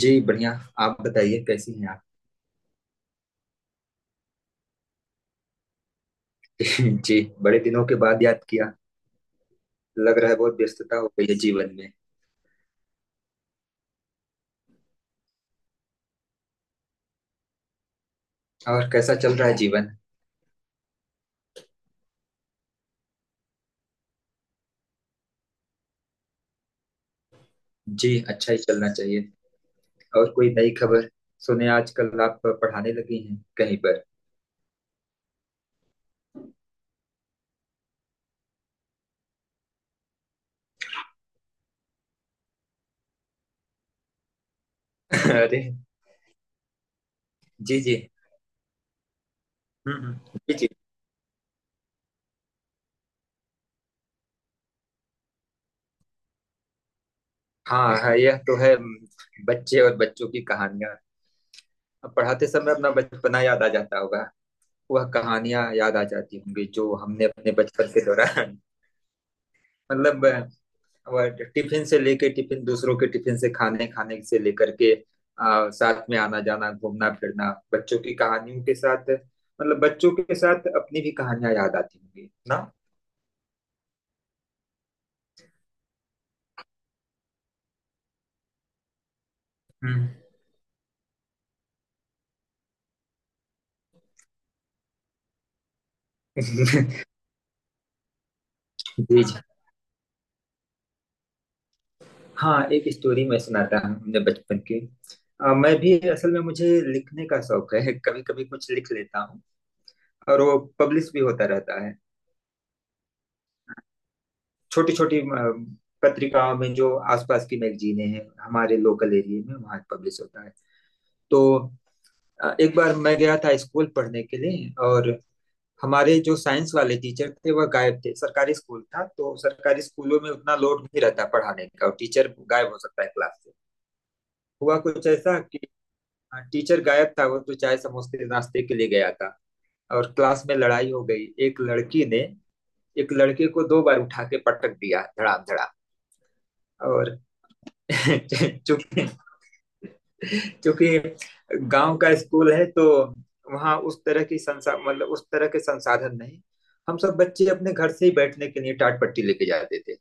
जी बढ़िया। आप बताइए, कैसी हैं आप? जी, बड़े दिनों के बाद याद किया। लग रहा है बहुत व्यस्तता हो गई है जीवन में। और कैसा चल रहा है जीवन? जी, अच्छा ही चलना चाहिए। और कोई नई खबर? सुने आजकल आप पढ़ाने लगी हैं कहीं पर। अरे। जी जी। हम्म हम्म, जी जी। हाँ हाँ, यह तो है। बच्चे और बच्चों की कहानियां। अब पढ़ाते समय अपना बचपना याद आ जाता होगा। वह कहानियां याद आ जाती होंगी जो हमने अपने बचपन के दौरान। मतलब वह टिफिन से लेके टिफिन दूसरों के टिफिन से खाने खाने से लेकर के साथ में आना जाना घूमना फिरना बच्चों की कहानियों के साथ। मतलब बच्चों के साथ अपनी भी कहानियां याद आती होंगी ना। हम्म। जी जी। हाँ, एक स्टोरी मैं सुनाता हूँ अपने बचपन की। मैं भी, असल में मुझे लिखने का शौक है, कभी कभी कुछ लिख लेता हूँ। और वो पब्लिश भी होता रहता है। छोटी छोटी पत्रिकाओं में जो आसपास की मैगजीनें हैं हमारे लोकल एरिया में वहाँ पब्लिश होता है। तो एक बार मैं गया था स्कूल पढ़ने के लिए। और हमारे जो साइंस वाले टीचर थे वह गायब थे। सरकारी स्कूल था, तो सरकारी स्कूलों में उतना लोड नहीं रहता पढ़ाने का और टीचर गायब हो सकता है क्लास से। हुआ कुछ ऐसा कि टीचर गायब था, वो तो चाय समोसे नाश्ते के लिए गया था। और क्लास में लड़ाई हो गई। एक लड़की ने एक लड़के को 2 बार उठा के पटक दिया धड़ाम धड़ाम। और चुप। क्योंकि गांव का स्कूल है, तो वहाँ उस तरह की संसा मतलब उस तरह के संसाधन नहीं। हम सब बच्चे अपने घर से ही बैठने के लिए टाट पट्टी लेके जाते थे।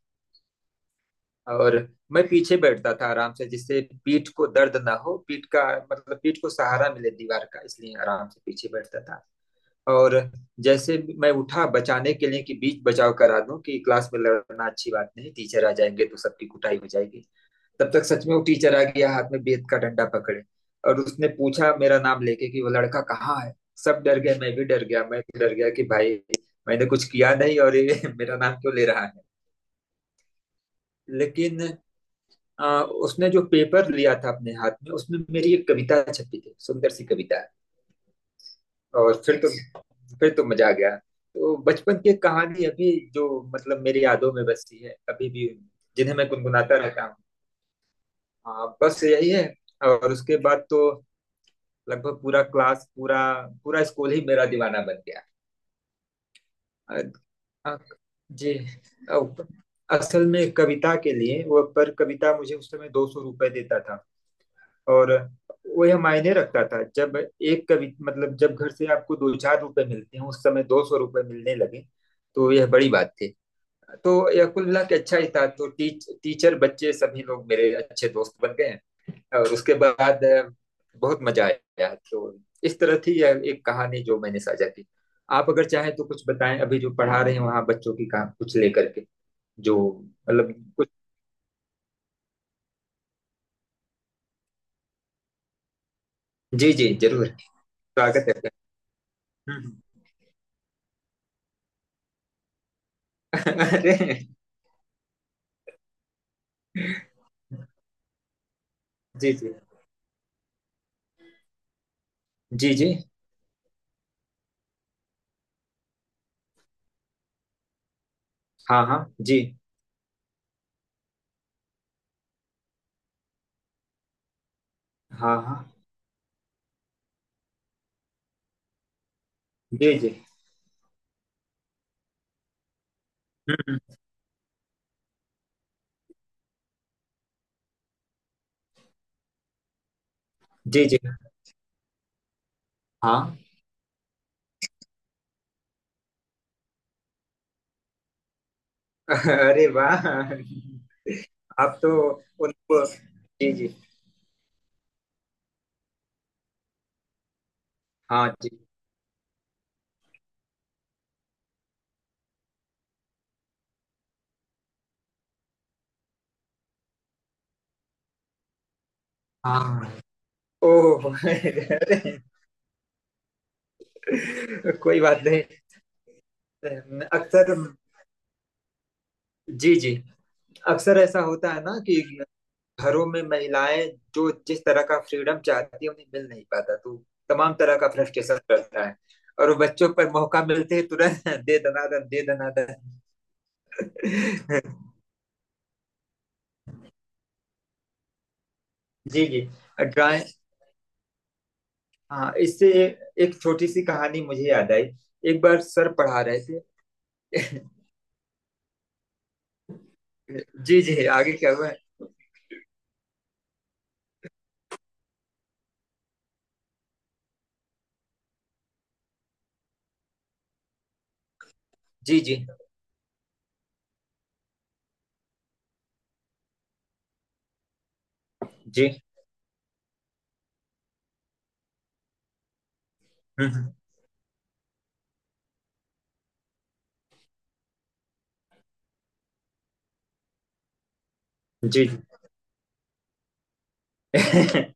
और मैं पीछे बैठता था आराम से, जिससे पीठ को दर्द ना हो। पीठ का मतलब पीठ को सहारा मिले दीवार का, इसलिए आराम से पीछे बैठता था। और जैसे मैं उठा बचाने के लिए कि बीच बचाव करा दूं, कि क्लास में लड़ना अच्छी बात नहीं, टीचर आ जाएंगे तो सबकी कुटाई हो जाएगी। तब तक सच में वो टीचर आ गया हाथ में बेत का डंडा पकड़े। और उसने पूछा मेरा नाम लेके कि वो लड़का कहाँ है। सब डर गए, मैं भी डर गया। कि भाई, मैंने कुछ किया नहीं और ये मेरा नाम क्यों ले रहा है। लेकिन उसने जो पेपर लिया था अपने हाथ में, उसमें मेरी एक कविता छपी थी, सुंदर सी कविता। और फिर तो मजा आ गया। तो बचपन की एक कहानी, अभी जो मतलब मेरी यादों में बसी है अभी भी, जिन्हें मैं गुनगुनाता रहता हूँ। हाँ, बस यही है। और उसके बाद तो लगभग पूरा क्लास पूरा पूरा स्कूल ही मेरा दीवाना बन गया। अ- अ- जी। अ- असल में कविता के लिए वो पर कविता मुझे उस समय 200 रुपये देता था। और वो यह मायने रखता था, जब एक कवि, मतलब जब घर से आपको दो चार रुपए मिलते हैं, उस समय 200 रुपये मिलने लगे, तो यह बड़ी बात थी। तो यह कुल मिला के अच्छा ही था। तो टीचर, बच्चे, सभी लोग मेरे अच्छे दोस्त बन गए। और उसके बाद बहुत मजा आया। तो इस तरह थी यह एक कहानी जो मैंने साझा की। आप अगर चाहें तो कुछ बताएं, अभी जो पढ़ा रहे हैं वहाँ बच्चों की कहा कुछ लेकर के, जो, मतलब कुछ। जी जी, जरूर। स्वागत है आपका। हम्म, हम्म। अरे। जी जी जी जी। हाँ हाँ जी। हाँ हाँ। जी जी। हम्म, हम्म। जी जी। हाँ। अरे वाह। आप तो, उनको, जी जी। हाँ जी। हाँ, ओह। अरे, कोई बात नहीं। अक्सर, जी जी, अक्सर ऐसा होता है ना कि घरों में महिलाएं जो जिस तरह का फ्रीडम चाहती है उन्हें मिल नहीं पाता, तो तमाम तरह का फ्रस्ट्रेशन रहता है। और वो बच्चों पर मौका मिलते ही तुरंत दे दनादन दे दनादन। जी जी। ड्राइंग। हाँ, इससे एक छोटी सी कहानी मुझे याद आई। एक बार सर पढ़ा रहे थे। जी जी, आगे क्या हुआ है? जी जी जी। हम्म, हम्म, जी जी।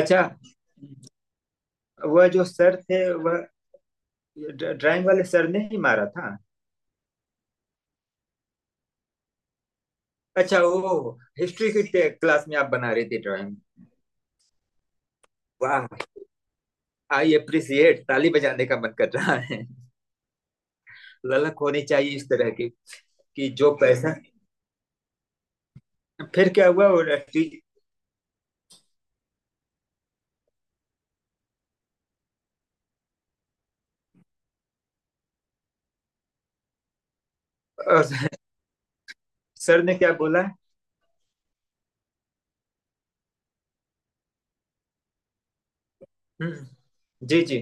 अच्छा, वह जो सर थे, वह ड्राइंग वाले सर ने ही मारा था? अच्छा, वो हिस्ट्री की क्लास में आप बना रहे थे ड्राइंग। वाह। आई अप्रिसिएट, ताली बजाने का मन कर रहा है। ललक होनी चाहिए इस तरह की, कि जो पैसा। फिर क्या हुआ, वो टी- अ, सर ने क्या बोला? हम्म, जी जी।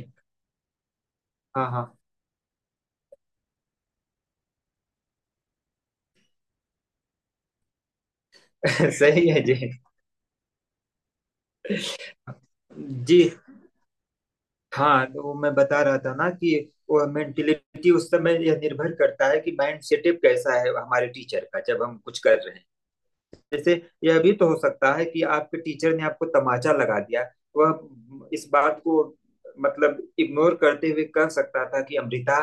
हाँ हाँ। सही है जी। जी, हाँ तो मैं बता रहा था ना, कि वो मेंटेलिटी उस समय, यह निर्भर करता है कि माइंड सेटअप कैसा है हमारे टीचर का जब हम कुछ कर रहे हैं। जैसे, यह भी तो हो सकता है कि आपके टीचर ने आपको तमाचा लगा दिया, वह इस बात को मतलब इग्नोर करते हुए कह सकता था कि अमृता,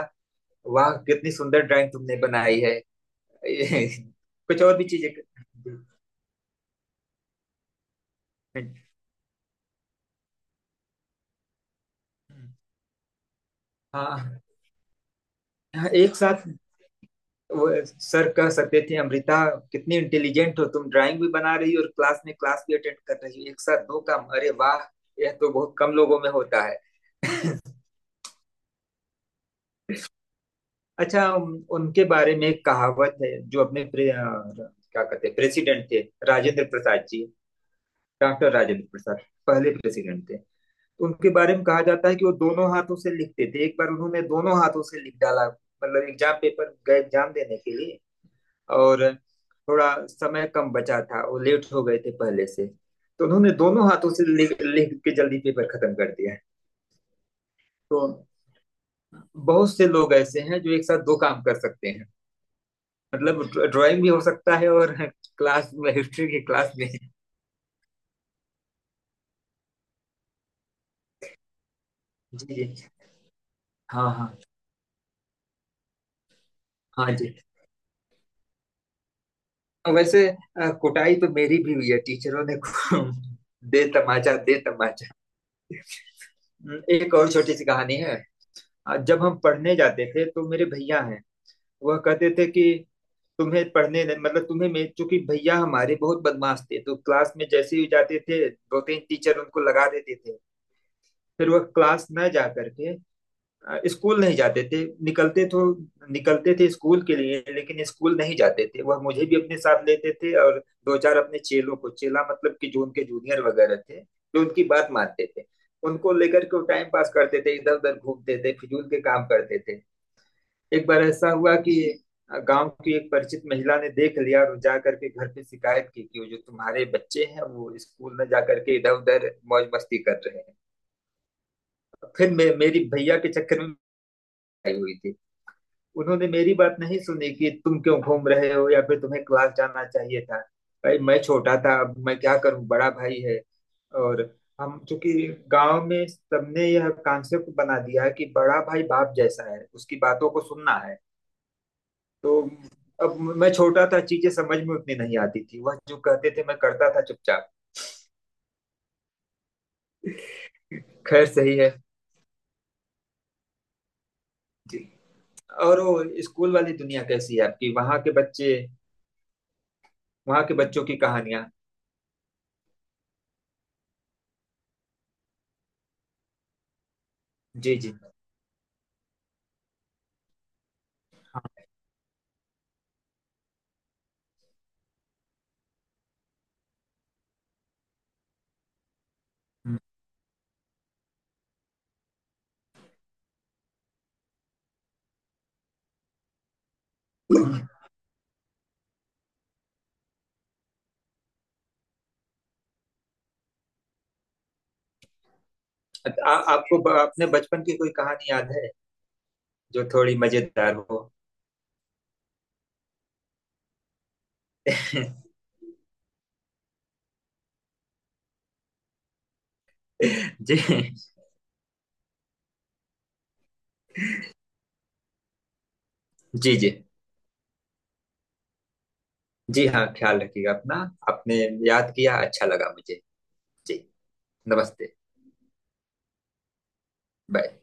वाह कितनी सुंदर ड्राइंग तुमने बनाई है। कुछ और भी चीजें, हाँ एक साथ। वो सर कह सकते थे, अमृता कितनी इंटेलिजेंट हो तुम, ड्राइंग भी बना रही हो और क्लास में क्लास भी अटेंड कर रही हो, एक साथ दो काम, अरे वाह, यह तो बहुत कम लोगों में होता है। अच्छा, उनके बारे में एक कहावत है। जो अपने क्या कहते हैं प्रेसिडेंट थे, राजेंद्र प्रसाद जी, डॉक्टर राजेंद्र प्रसाद, पहले प्रेसिडेंट थे। उनके बारे में कहा जाता है कि वो दोनों हाथों से लिखते थे। एक बार उन्होंने दोनों हाथों से लिख डाला, मतलब एग्जाम पेपर, गए एग्जाम देने के लिए और थोड़ा समय कम बचा था, वो लेट हो गए थे पहले से, तो उन्होंने दोनों हाथों से लिख लिख के जल्दी पेपर खत्म कर दिया। तो बहुत से लोग ऐसे हैं जो एक साथ दो काम कर सकते हैं। मतलब ड्राइंग भी हो सकता है और क्लास में, हिस्ट्री की क्लास में। जी जी। हाँ हाँ। हाँ जी। वैसे कुटाई तो मेरी भी हुई है टीचरों ने दे तमाचा दे तमाचा। एक और छोटी सी कहानी है। जब हम पढ़ने जाते थे तो मेरे भैया हैं, वह कहते थे कि तुम्हें पढ़ने नहीं, मतलब तुम्हें, मैं चूंकि, भैया हमारे बहुत बदमाश थे तो क्लास में जैसे ही जाते थे दो तीन टीचर उनको लगा देते थे। फिर वह क्लास न जा करके स्कूल नहीं जाते थे। निकलते तो निकलते थे स्कूल के लिए, लेकिन स्कूल नहीं जाते थे। वह मुझे भी अपने साथ लेते थे और दो चार अपने चेलों को, चेला मतलब कि जो उनके जूनियर वगैरह थे, जो उनकी बात मानते थे, उनको लेकर के वो टाइम पास करते थे, इधर उधर घूमते थे, फिजूल के काम करते थे। एक बार ऐसा हुआ कि गांव की एक परिचित महिला ने देख लिया और जा करके घर पे शिकायत की कि वो जो तुम्हारे बच्चे हैं वो स्कूल में जा करके इधर उधर मौज मस्ती कर रहे हैं। फिर मैं मेरी भैया के चक्कर में आई हुई थी। उन्होंने मेरी बात नहीं सुनी कि तुम क्यों घूम रहे हो या फिर तुम्हें क्लास जाना चाहिए था। भाई मैं छोटा था, अब मैं क्या करूं, बड़ा भाई है। और हम चूंकि गांव में, सबने यह कॉन्सेप्ट बना दिया है कि बड़ा भाई बाप जैसा है, उसकी बातों को सुनना है। तो अब मैं छोटा था, चीजें समझ में उतनी नहीं आती थी, वह जो कहते थे मैं करता था चुपचाप। खैर सही है जी। और वो स्कूल वाली दुनिया कैसी है आपकी, वहां के बच्चे, वहां के बच्चों की कहानियां? जी जी। हम्म, हम्म। आपको अपने बचपन की कोई कहानी याद है जो थोड़ी मजेदार हो? जी जी जी जी। हाँ, ख्याल रखिएगा अपना। आपने याद किया, अच्छा लगा मुझे। जी, नमस्ते। बाय।